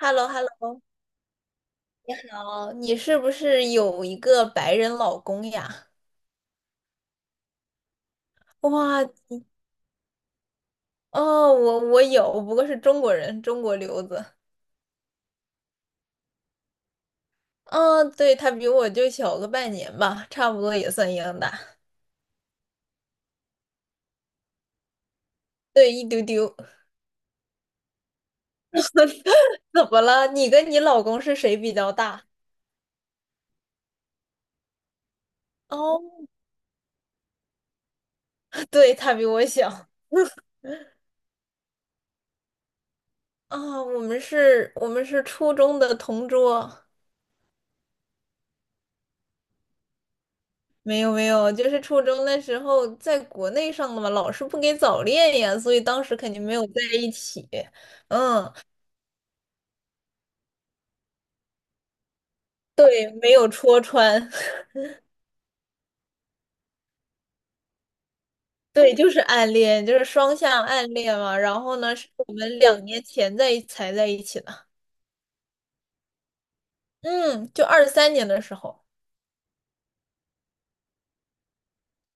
h e l l o h e l l o 好，你是不是有一个白人老公呀？哇，哦，我有，不过是中国人，中国留子。嗯、对，他比我就小个半年吧，差不多也算一样大。对，一丢丢。怎么了？你跟你老公是谁比较大？哦，对，他比我小。我们是初中的同桌。没有没有，就是初中那时候在国内上的嘛，老师不给早恋呀，所以当时肯定没有在一起。嗯，对，没有戳穿，对，就是暗恋，就是双向暗恋嘛。然后呢，是我们2年前才在一起的，嗯，就23年的时候，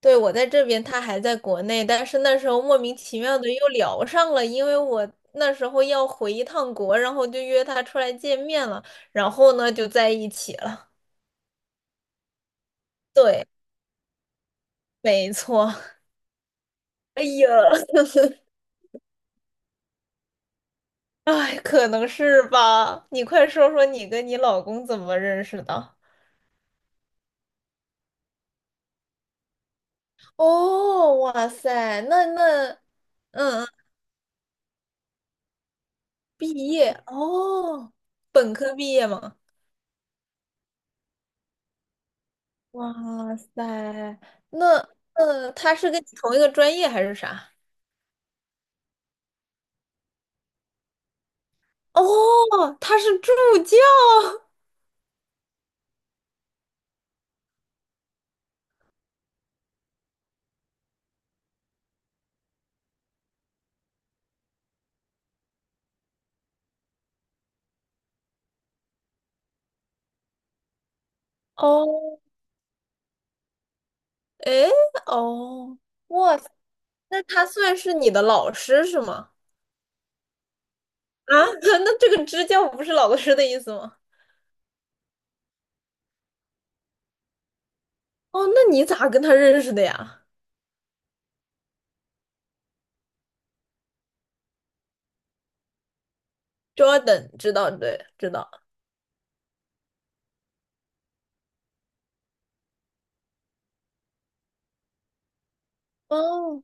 对，我在这边，他还在国内，但是那时候莫名其妙的又聊上了，因为我那时候要回一趟国，然后就约他出来见面了，然后呢就在一起了。对。没错。哎呀，哎，可能是吧。你快说说你跟你老公怎么认识的？哦，哇塞，嗯嗯，毕业哦，本科毕业吗？哇塞，那嗯，他是跟你同一个专业还是啥？哦，他是助教。哦，诶，哦，哇塞，那他算是你的老师是吗？啊，那这个支教不是老师的意思吗？哦，那你咋跟他认识的呀？Jordan 知道，对，知道。哦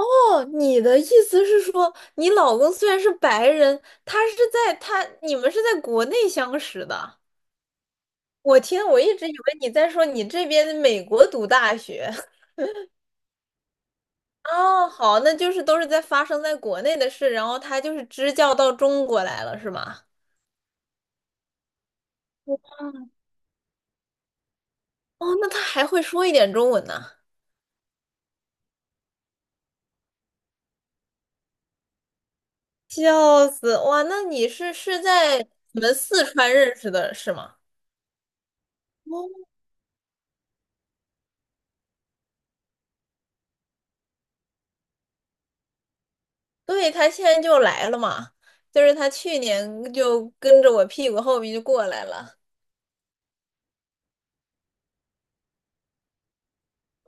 哦，你的意思是说，你老公虽然是白人，他是在他你们是在国内相识的。我一直以为你在说你这边美国读大学。哦，好，那就是都是在发生在国内的事，然后他就是支教到中国来了，是吗？哦，那他还会说一点中文呢，笑死！哇，那你是在你们四川认识的是吗？哦，对，他现在就来了嘛，就是他去年就跟着我屁股后面就过来了。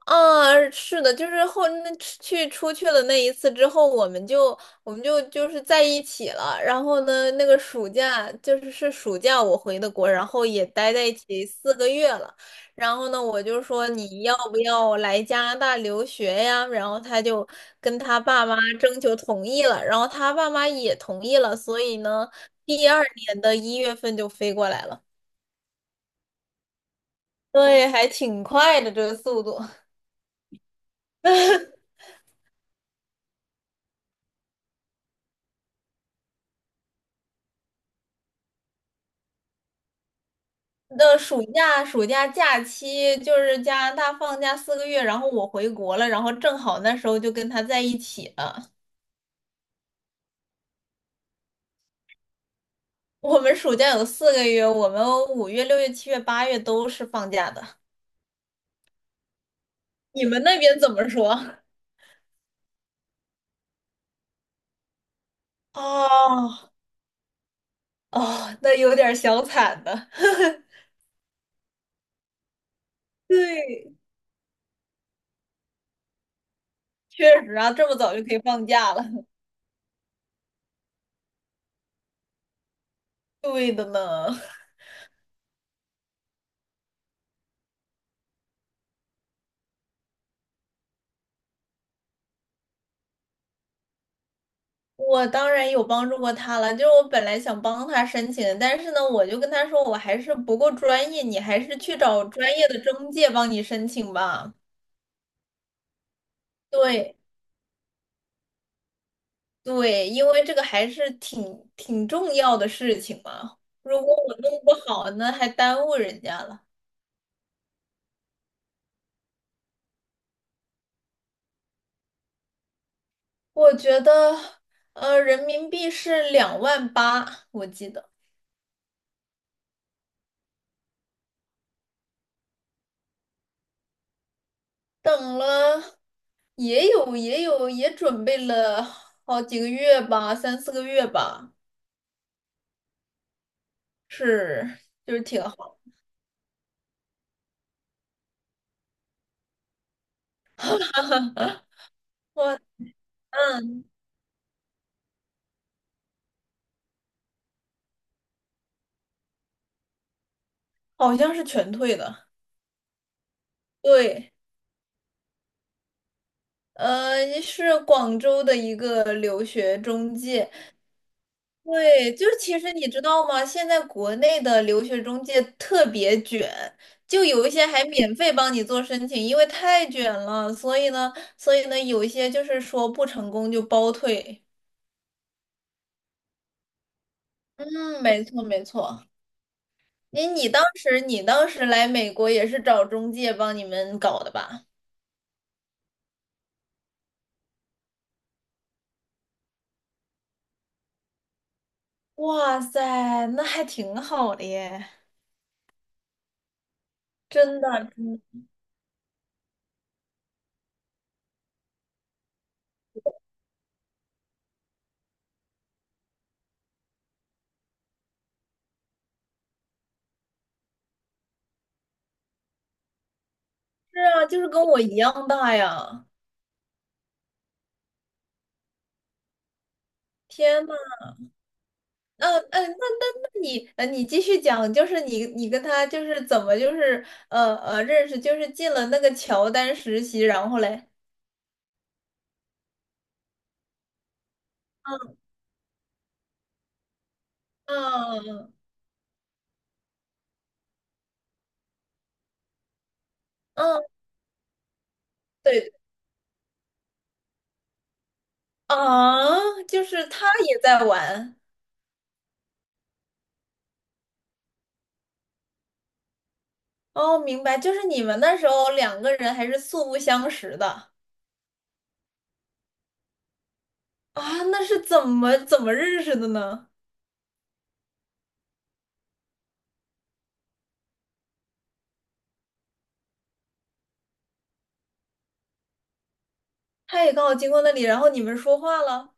啊，是的，就是后那去出去了那一次之后，我们就是在一起了。然后呢，那个暑假就是暑假我回的国，然后也待在一起四个月了。然后呢，我就说你要不要来加拿大留学呀？然后他就跟他爸妈征求同意了，然后他爸妈也同意了，所以呢，第二年的1月份就飞过来了。对，还挺快的这个速度。那暑假假期就是加拿大放假四个月，然后我回国了，然后正好那时候就跟他在一起了。我们暑假有4个月，我们5月、6月、7月、8月都是放假的。你们那边怎么说？哦哦，那有点小惨的。对，确实啊，这么早就可以放假了。对的呢。我当然有帮助过他了，就是我本来想帮他申请的，但是呢，我就跟他说我还是不够专业，你还是去找专业的中介帮你申请吧。对对，因为这个还是挺重要的事情嘛，如果我弄不好，那还耽误人家了。我觉得，人民币是2万8，我记得。等了也准备了好几个月吧，3、4个月吧。是，就是挺好。我嗯，好像是全退的。对，是广州的一个留学中介。对，就是其实你知道吗？现在国内的留学中介特别卷，就有一些还免费帮你做申请，因为太卷了，所以呢，所以呢，有一些就是说不成功就包退。嗯，没错没错。你当时来美国也是找中介帮你们搞的吧？哇塞，那还挺好的耶，真的，嗯是啊，就是跟我一样大呀！天呐，嗯、嗯、那那你，你继续讲，就是你跟他就是怎么就是认识，就是进了那个乔丹实习，然后嘞，嗯嗯嗯，对啊，就是他也在玩哦，明白，就是你们那时候两个人还是素不相识的。啊，那是怎么认识的呢？他也刚好经过那里，然后你们说话了。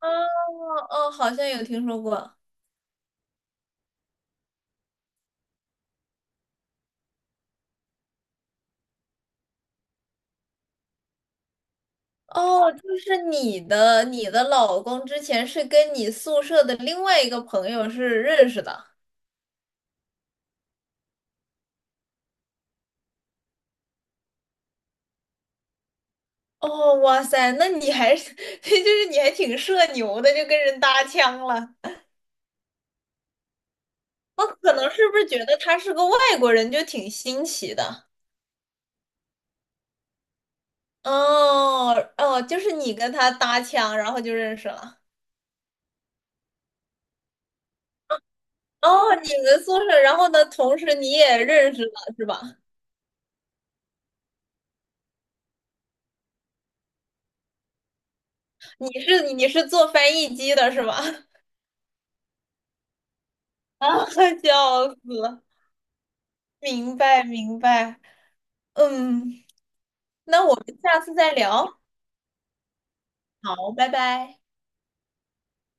啊，哦，好像有听说过。哦，就是你的老公之前是跟你宿舍的另外一个朋友是认识的。哦，哇塞，那你还是，就是你还挺社牛的，就跟人搭腔了。我可能是不是觉得他是个外国人，就挺新奇的。哦哦，就是你跟他搭腔，然后就认识了。哦，你们宿舍，然后呢，同时你也认识了，是吧？你是做翻译机的是吗？啊，笑死！了！明白明白，嗯，那我们下次再聊。好，拜拜。